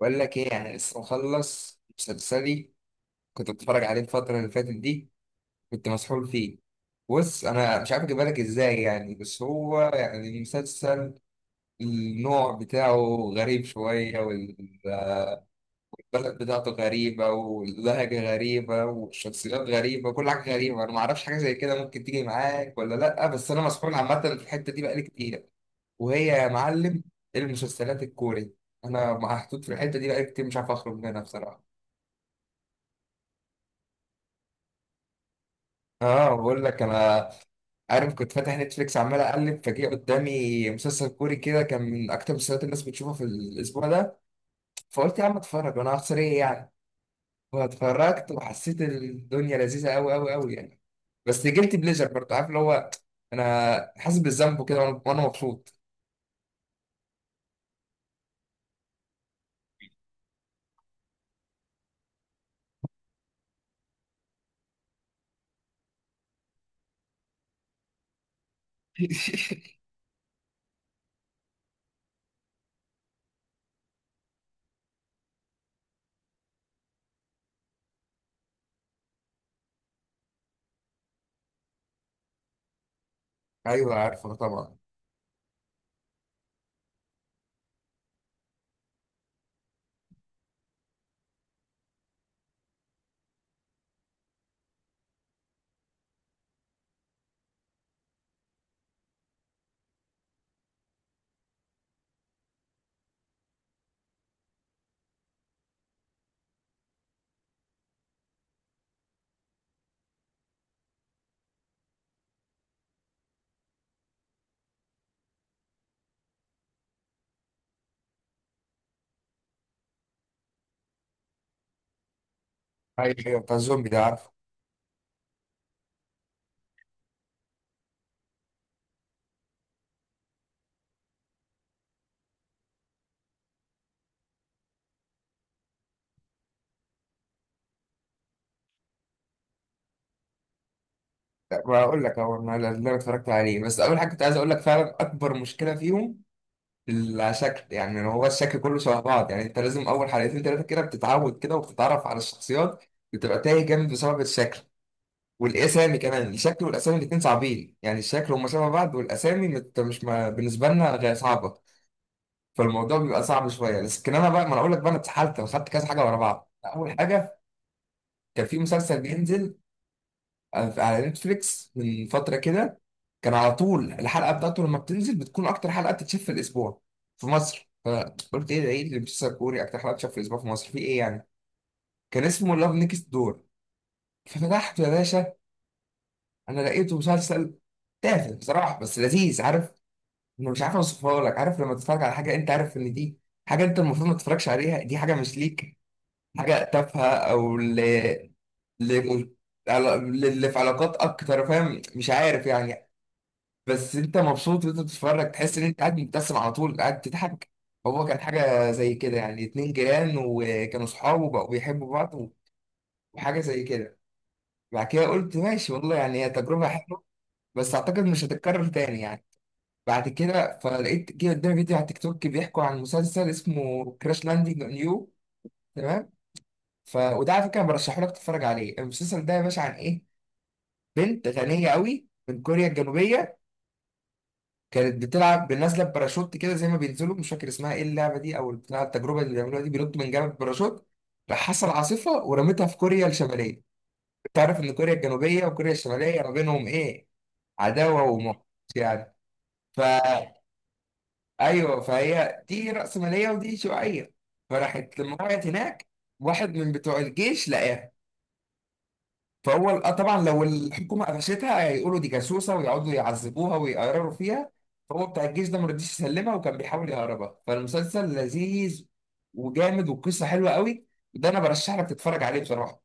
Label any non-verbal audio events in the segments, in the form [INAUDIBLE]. بقول لك ايه؟ يعني لسه مخلص مسلسلي، كنت بتفرج عليه الفترة اللي فاتت دي، كنت مسحول فيه. بص انا مش عارف اجيبها لك ازاي، يعني بس هو يعني مسلسل، النوع بتاعه غريب شوية، والبلد بتاعته غريبة، واللهجة غريبة، والشخصيات غريبة، كل حاجة غريبة، انا ما اعرفش حاجة زي كده ممكن تيجي معاك ولا لا، بس انا مسحول عامة في الحتة دي بقالي كتير. وهي يا معلم المسلسلات الكوري، انا محطوط في الحتة دي بقالي كتير مش عارف اخرج منها بصراحة. اه، بقول لك انا عارف، كنت فاتح نتفليكس عمال اقلب، فجأة قدامي مسلسل كوري كده كان من اكتر المسلسلات الناس بتشوفها في الاسبوع ده، فقلت يا عم اتفرج، وانا هخسر ايه يعني؟ واتفرجت وحسيت الدنيا لذيذه قوي قوي قوي يعني، بس جلت بليجر برضه، عارف اللي هو انا حاسس بالذنب كده وأنا مبسوط. [LAUGHS] ايوه عارفه طبعا. ايوه ايوه بتاع الزومبي ده، عارفه. لا، بقول لك هو انا اللي انا اتفرجت عليه، بس اول حاجه كنت عايز اقول لك فعلا اكبر مشكله فيهم لا شكل، يعني هو الشكل كله شبه بعض، يعني انت لازم اول حلقتين ثلاثه كده بتتعود كده وبتتعرف على الشخصيات، بتبقى تايه جامد بسبب الشكل والاسامي كمان، الشكل والاسامي الاثنين صعبين، يعني الشكل هم شبه بعض والاسامي مش ما بالنسبه لنا غير صعبه، فالموضوع بيبقى صعب شويه. لكن انا بقى، ما انا اقول لك بقى انا اتسحلت وخدت كذا حاجه ورا بعض. اول حاجه كان في مسلسل بينزل على نتفليكس من فترة كده، كان على طول الحلقة بتاعته لما بتنزل بتكون أكتر حلقة بتتشاف في الأسبوع في مصر، فقلت إيه ده؟ إيه اللي مسلسل كوري أكتر حلقة بتتشاف في الأسبوع في مصر في إيه يعني؟ كان اسمه لاف نيكست دور. ففتحته يا باشا، أنا لقيته مسلسل تافه بصراحة بس لذيذ، عارف؟ أنا مش عارف أوصفها لك، عارف لما تتفرج على حاجة أنت عارف إن دي حاجة أنت المفروض ما تتفرجش عليها، دي حاجة مش ليك، حاجة تافهة، أو ل... ل... على- للي في علاقات اكتر، فاهم؟ مش عارف يعني، بس انت مبسوط وانت بتتفرج، تحس ان انت قاعد مبتسم على طول، قاعد تضحك. هو كان حاجه زي كده يعني، اتنين جيران وكانوا صحاب وبقوا بيحبوا بعض، وحاجه زي كده. بعد كده قلت ماشي والله، يعني هي تجربه حلوه بس اعتقد مش هتتكرر تاني يعني. بعد كده فلقيت جه قدامي فيديو على تيك توك بيحكوا عن مسلسل اسمه كراش لاندنج اون يو، تمام؟ وده على فكره برشحه لك تتفرج عليه. المسلسل ده يا باشا عن ايه؟ بنت غنيه قوي من كوريا الجنوبيه، كانت بتلعب بالناس لاب باراشوت كده زي ما بينزلوا، مش فاكر اسمها ايه اللعبه دي او بتاع التجربه اللي بيعملوها دي، بينطوا من جبل باراشوت. راح حصل عاصفه ورمتها في كوريا الشماليه. تعرف ان كوريا الجنوبيه وكوريا الشماليه ما بينهم ايه؟ عداوه وموت يعني. فا ايوه، فهي دي راسماليه ودي شيوعيه. فراحت لما وقعت هناك، واحد من بتوع الجيش لقاها، فهو آه طبعا لو الحكومه قفشتها هيقولوا دي جاسوسه ويقعدوا يعذبوها ويقرروا فيها، فهو بتاع الجيش ده ما رضيش يسلمها وكان بيحاول يهربها. فالمسلسل لذيذ وجامد والقصه حلوه قوي، ده انا برشح لك تتفرج عليه بصراحه.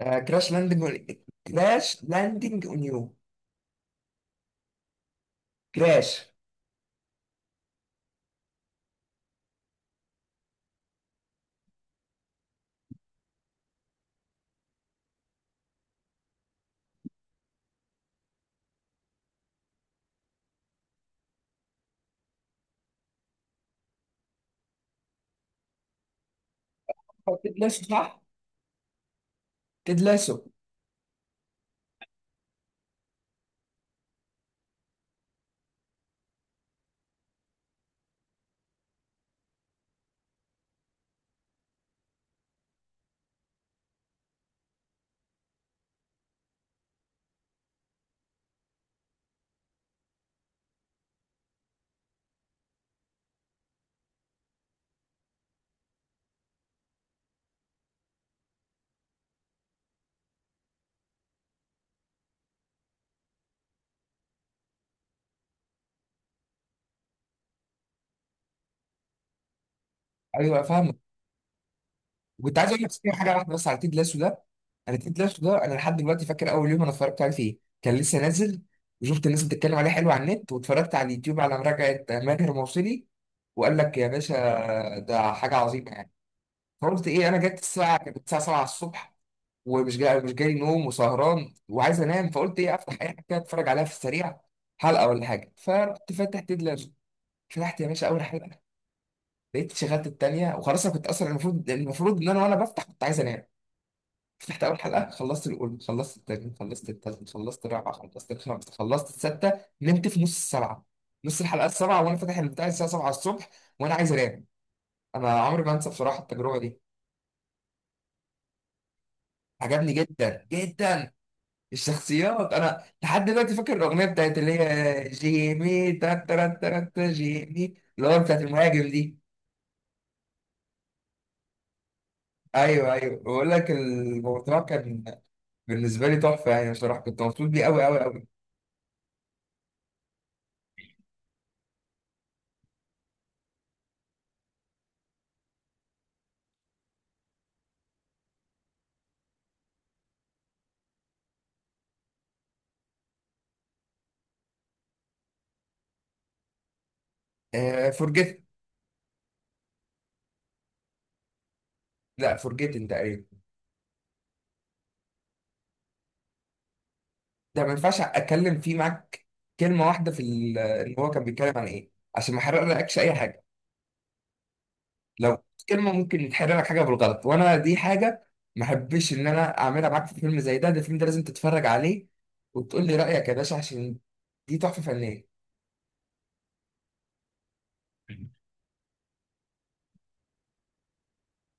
آه كراش لاندنج، كراش لاندنج اون يو، كراش. تدلسه، صح؟ تدلسه. ايوه فاهمك. وكنت عايز اقول لك صحيح حاجه واحده بس على تيد لاسو ده. انا تيد لاسو ده انا لحد دلوقتي فاكر اول يوم انا اتفرجت عليه فيه، كان لسه نازل، وشفت الناس بتتكلم عليه حلو على النت، واتفرجت على اليوتيوب على مراجعه ماهر موصلي، وقال لك يا باشا ده حاجه عظيمه يعني. فقلت ايه، انا جت الساعه، كانت الساعه 7 الصبح، ومش جاي مش جاي نوم، وسهران وعايز انام، فقلت ايه، افتح اي حاجه كده اتفرج عليها في السريع، حلقه ولا حاجه. فرحت فاتح تيد لاسو، فتحت يا باشا اول حلقه، لقيت شغلت التانيه وخلاص. انا كنت اصلا المفروض ان انا وانا بفتح كنت عايز انام، فتحت اول حلقه، خلصت الاولى، خلصت التانية، خلصت التالتة، خلصت الرابعه، خلصت الخامسه، خلصت السادسه، نمت في نص السبعه، نص الحلقه السبعه، وانا فاتح البتاع الساعه 7 الصبح وانا عايز انام. انا عمري ما انسى بصراحه التجربه دي. عجبني جدا جدا. الشخصيات، انا لحد دلوقتي فاكر الاغنيه بتاعت اللي هي جيمي تا تا تا تا جيمي، اللي هو بتاعت المهاجم دي. ايوه ايوه، بقول لك الموضوع كان بالنسبه لي تحفه يعني، بصراحه كنت مبسوط بيه قوي قوي قوي. آه فورجيت، لا فورجيتن تقريبا. ده ما ينفعش اتكلم فيه معاك كلمه واحده في ان هو كان بيتكلم عن ايه، عشان ما احرقلكش اي حاجه. لو كلمه ممكن يتحرق لك حاجه بالغلط، وانا دي حاجه ما احبش ان انا اعملها معاك في فيلم زي ده. ده الفيلم ده لازم تتفرج عليه وتقول لي رايك يا باشا، عشان دي تحفه فنيه. [LAUGHS]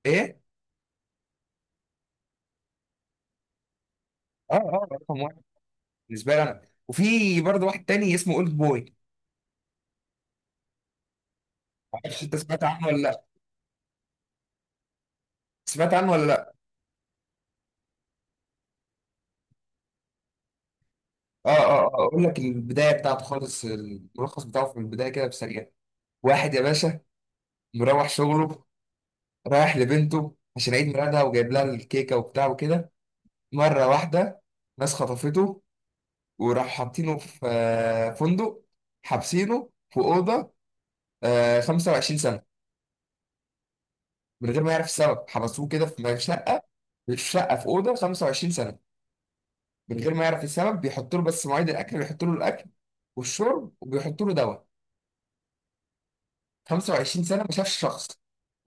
ايه. اه اه، رقم واحد بالنسبه لي انا. وفي برضه واحد تاني اسمه اولد بوي. ما اعرفش انت سمعت عنه ولا لا، سمعت عنه ولا لا؟ اه اه، اقول لك البدايه بتاعته خالص، الملخص بتاعه في البدايه كده بسريع. واحد يا باشا مروح شغله، رايح لبنته عشان عيد ميلادها وجايب لها الكيكة وبتاع وكده، مرة واحدة ناس خطفته، وراح حاطينه في فندق، حابسينه في أوضة 25 سنة، من غير ما يعرف السبب. حبسوه كده في شقة في أوضة 25 سنة من غير ما يعرف السبب. بيحط له بس مواعيد الأكل، بيحط له الأكل والشرب وبيحط له دواء. 25 سنة ما شافش شخص،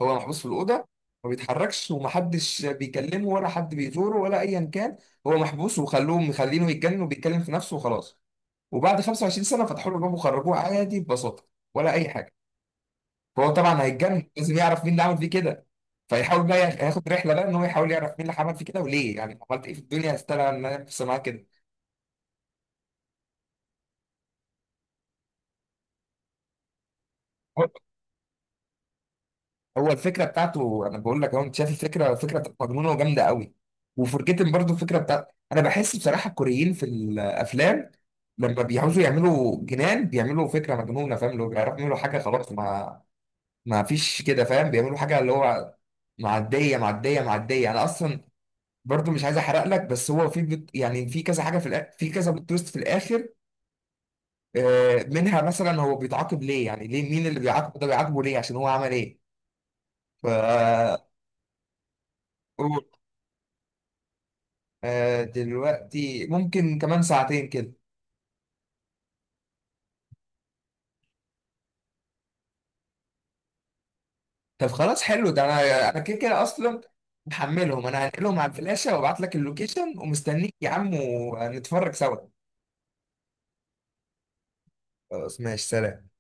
هو محبوس في الأوضة ما بيتحركش، ومحدش بيكلمه ولا حد بيزوره ولا أيا كان، هو محبوس وخلوه مخلينه يتجنن وبيتكلم في نفسه وخلاص. وبعد 25 سنة فتحوا له الباب وخرجوه عادي ببساطة ولا أي حاجة. فهو طبعا هيتجنن، لازم يعرف مين اللي عمل فيه كده، فيحاول بقى ياخد رحلة بقى إن هو يحاول يعرف مين اللي عمل فيه كده وليه، يعني عملت إيه في الدنيا استاهل إن أنا أحبس معاه كده؟ هو الفكره بتاعته، انا بقول لك اهو، انت شايف الفكره فكره مجنونه وجامده قوي. وفرجيتن برضو الفكره بتاعت، انا بحس بصراحه الكوريين في الافلام لما بيعوزوا يعملوا جنان بيعملوا فكره مجنونه، فاهم؟ لو بيعرفوا يعملوا حاجه خلاص ما فيش كده، فاهم؟ بيعملوا حاجه اللي هو معديه معديه معديه. انا اصلا برضو مش عايز احرق لك، بس هو في يعني في كذا حاجه في في كذا بلوت تويست في الاخر، منها مثلا هو بيتعاقب ليه، يعني ليه؟ مين اللي بيعاقبه ده؟ بيعاقبه ليه؟ عشان هو عمل ايه؟ ف آه دلوقتي ممكن كمان ساعتين كده. طب خلاص حلو، ده انا انا كده كده اصلا محملهم، انا هنقلهم على الفلاشة وابعت لك اللوكيشن ومستنيك يا عم ونتفرج سوا. خلاص ماشي، سلام.